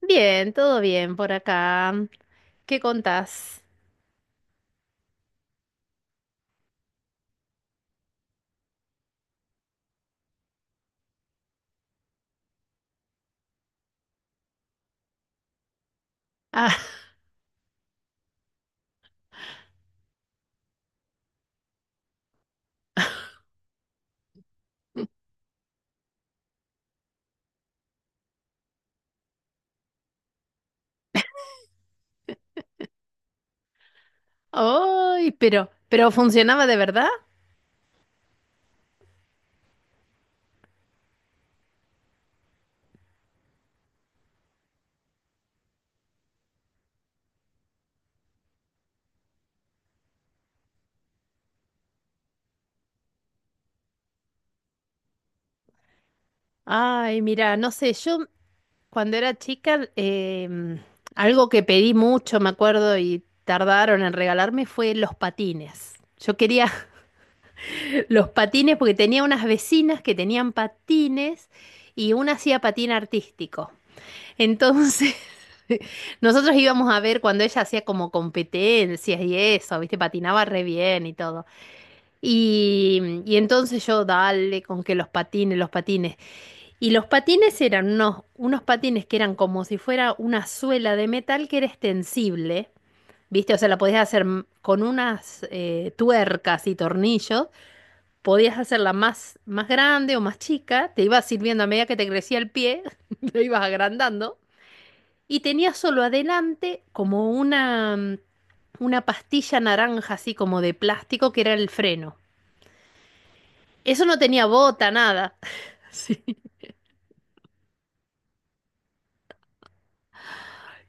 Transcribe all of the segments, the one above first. Bien, todo bien por acá. ¿Qué contás? Ah, ay, pero ¿funcionaba de verdad? Ay, mira, no sé, yo cuando era chica, algo que pedí mucho, me acuerdo, y tardaron en regalarme fue los patines. Yo quería los patines porque tenía unas vecinas que tenían patines y una hacía patín artístico. Entonces, nosotros íbamos a ver cuando ella hacía como competencias y eso, ¿viste? Patinaba re bien y todo. Y entonces yo, dale, con que los patines, los patines. Y los patines eran unos patines que eran como si fuera una suela de metal que era extensible, ¿viste? O sea, la podías hacer m- con unas tuercas y tornillos. Podías hacerla más grande o más chica, te ibas sirviendo a medida que te crecía el pie, lo ibas agrandando. Y tenía solo adelante como una, una pastilla naranja, así como de plástico, que era el freno. Eso no tenía bota, nada. Sí,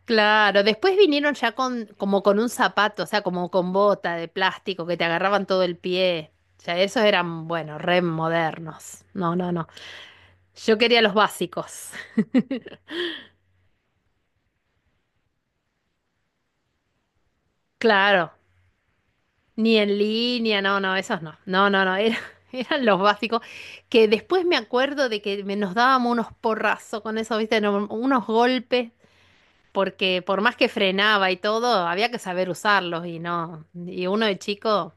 claro. Después vinieron ya con, como con un zapato, o sea, como con bota de plástico que te agarraban todo el pie. Ya esos eran, bueno, re modernos. No, no, no. Yo quería los básicos. Claro. Ni en línea, no, no, esos no. No, no, no, eran los básicos. Que después me acuerdo de nos dábamos unos porrazos con eso, ¿viste? No, unos golpes, porque por más que frenaba y todo, había que saber usarlos y no. Y uno de chico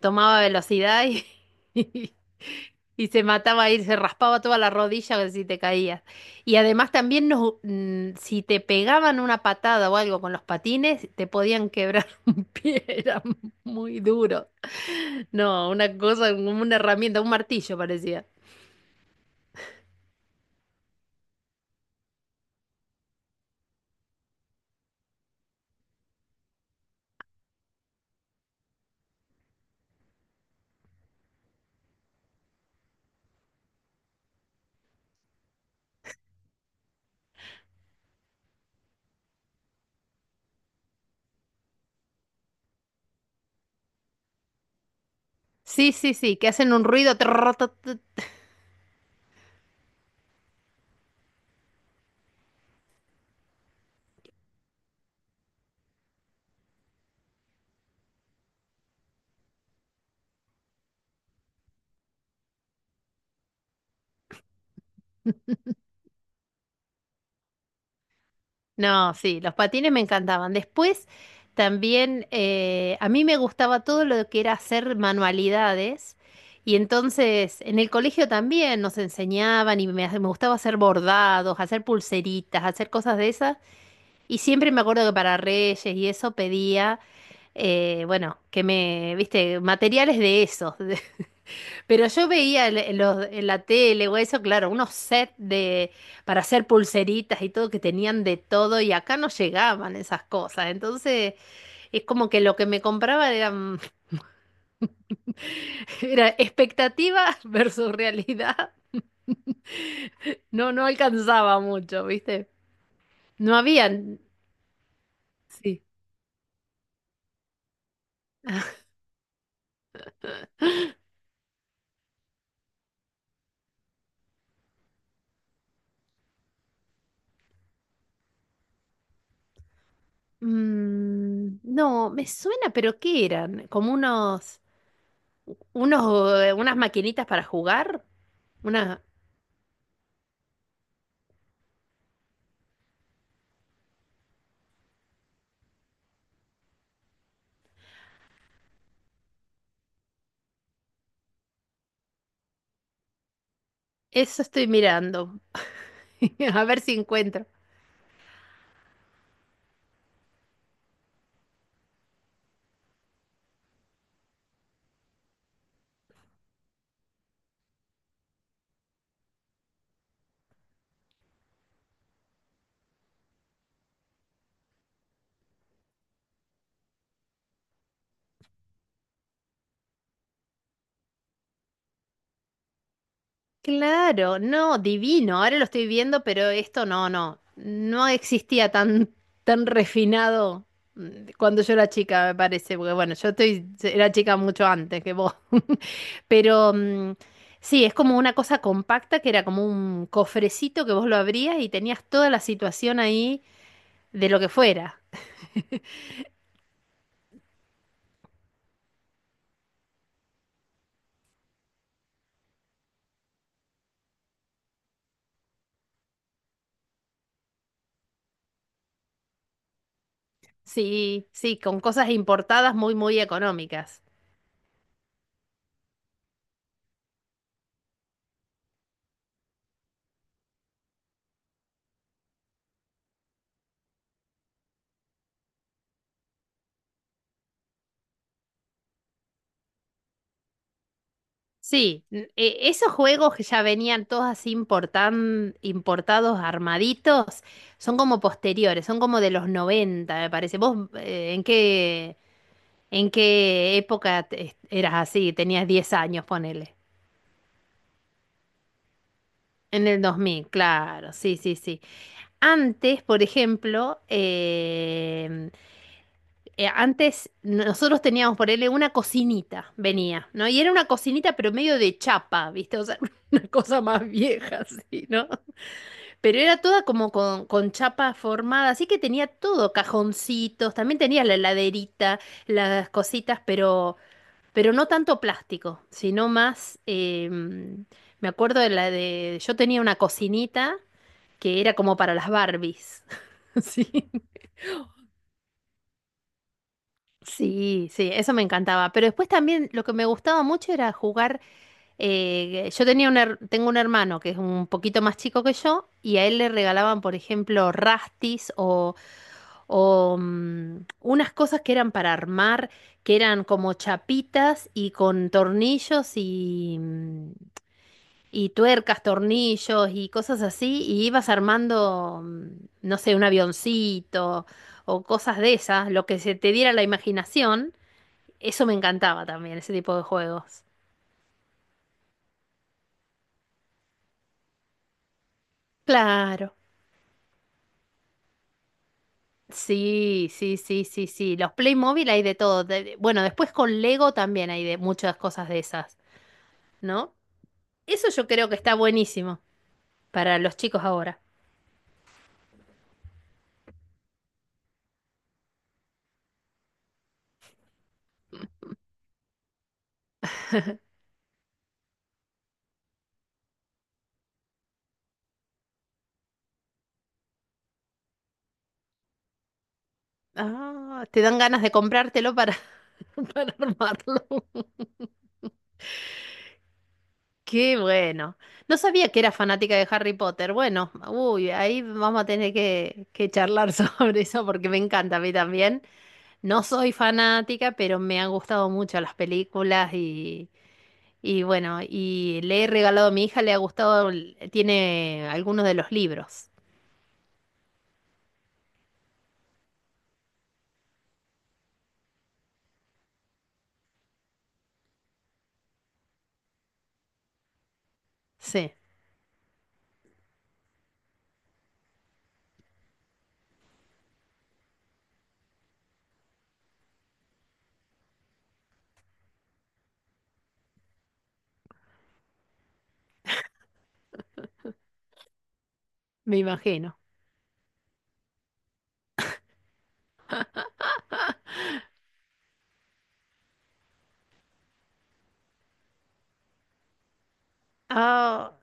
tomaba velocidad y, y se mataba ahí, se raspaba toda la rodilla si te caías. Y además también nos, si te pegaban una patada o algo con los patines, te podían quebrar un pie, era muy duro. No, una cosa, como una herramienta, un martillo parecía. Sí, sí, sí, que hacen un ruido. Trrr, tut, tut. No, sí, los patines me encantaban. Después también a mí me gustaba todo lo que era hacer manualidades. Y entonces en el colegio también nos enseñaban y me gustaba hacer bordados, hacer pulseritas, hacer cosas de esas. Y siempre me acuerdo que para Reyes y eso pedía, bueno, que me, viste, materiales de esos. Pero yo veía en la tele o eso, claro, unos sets de, para hacer pulseritas y todo que tenían de todo y acá no llegaban esas cosas. Entonces es como que lo que me compraba eran, era expectativa versus realidad. No, no alcanzaba mucho, ¿viste? No habían... Sí. Mm, no, me suena, pero ¿qué eran? Como unos, unos, unas maquinitas para jugar. Una, eso estoy mirando. A ver si encuentro. Claro, no, divino. Ahora lo estoy viendo, pero esto no, no. No existía tan refinado cuando yo era chica, me parece. Porque bueno, yo estoy, era chica mucho antes que vos. Pero mm, sí, es como una cosa compacta que era como un cofrecito que vos lo abrías y tenías toda la situación ahí de lo que fuera. Sí, sí, con cosas importadas muy, muy económicas. Sí, esos juegos que ya venían todos así importados, armaditos, son como posteriores, son como de los 90 me parece. ¿Vos en qué época eras así? Tenías 10 años, ponele. En el 2000, claro, sí, sí, sí. Antes, por ejemplo, antes nosotros teníamos, ponele, una cocinita, venía, ¿no? Y era una cocinita, pero medio de chapa, ¿viste? O sea, una cosa más vieja, sí, ¿no? Pero era toda como con chapa formada, así que tenía todo, cajoncitos, también tenía la heladerita, las cositas, pero no tanto plástico, sino más, me acuerdo de la de, yo tenía una cocinita que era como para las Barbies. Sí. Sí, sí, eso me encantaba. Pero después también lo que me gustaba mucho era jugar. Yo tenía un her- Tengo un hermano que es un poquito más chico que yo y a él le regalaban, por ejemplo, rastis o unas cosas que eran para armar, que eran como chapitas y con tornillos y, y tuercas, tornillos y cosas así, y ibas armando, no sé, un avioncito o cosas de esas, lo que se te diera la imaginación, eso me encantaba también, ese tipo de juegos. Claro. Sí, sí, sí, sí, sí. Los Playmobil hay de todo. Bueno, después con Lego también hay de muchas cosas de esas, ¿no? Eso yo creo que está buenísimo para los chicos ahora. Ah, te dan ganas de comprártelo para, para armarlo. Qué bueno. No sabía que era fanática de Harry Potter. Bueno, uy, ahí vamos a tener que charlar sobre eso porque me encanta a mí también. No soy fanática, pero me han gustado mucho las películas y bueno, y le he regalado a mi hija, le ha gustado, tiene algunos de los libros. Sí, me imagino. Ah.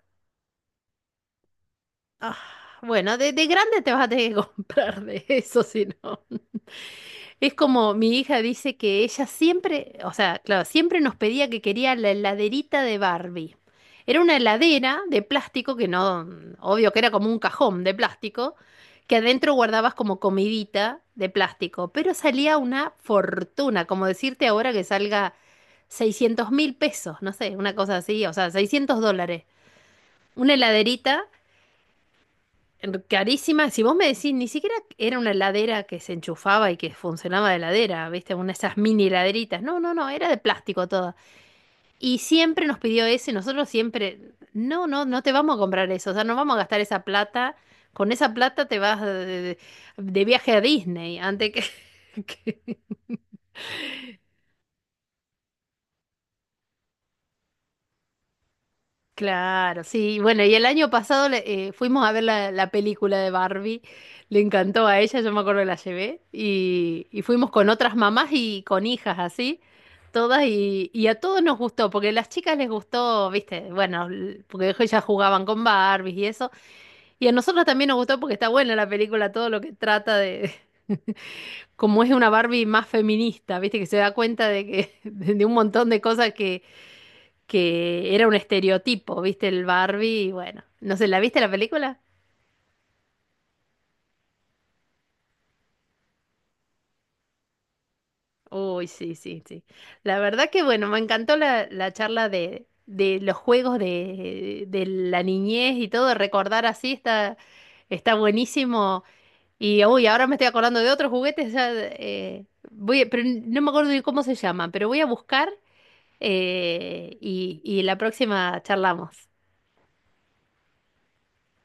Ah, bueno, de grande te vas a tener que comprar de eso, si no. Es como mi hija dice que ella siempre, o sea, claro, siempre nos pedía que quería la heladerita de Barbie. Era una heladera de plástico que no, obvio que era como un cajón de plástico, que adentro guardabas como comidita de plástico, pero salía una fortuna, como decirte ahora que salga 600.000 pesos, no sé, una cosa así, o sea, $600. Una heladerita. Carísima. Si vos me decís, ni siquiera era una heladera que se enchufaba y que funcionaba de heladera, ¿viste? Una de esas mini heladeritas. No, no, no, era de plástico toda. Y siempre nos pidió eso y nosotros siempre, no, no, no te vamos a comprar eso, o sea, no vamos a gastar esa plata. Con esa plata te vas de viaje a Disney antes que, que, claro, sí. Bueno, y el año pasado fuimos a ver la película de Barbie. Le encantó a ella, yo me acuerdo que la llevé. Y fuimos con otras mamás y con hijas así, todas. Y a todos nos gustó, porque a las chicas les gustó, viste, bueno, porque ellas jugaban con Barbies y eso. Y a nosotros también nos gustó porque está buena la película, todo lo que trata de... Como es una Barbie más feminista, viste, que se da cuenta de que, de un montón de cosas que era un estereotipo, ¿viste? El Barbie, y bueno, no sé, ¿la viste la película? Uy, sí, sí, sí. La verdad que bueno, me encantó la charla de los juegos de la niñez y todo, recordar así está, está buenísimo. Y uy, ahora me estoy acordando de otros juguetes, ya, pero no me acuerdo ni cómo se llaman, pero voy a buscar y la próxima charlamos.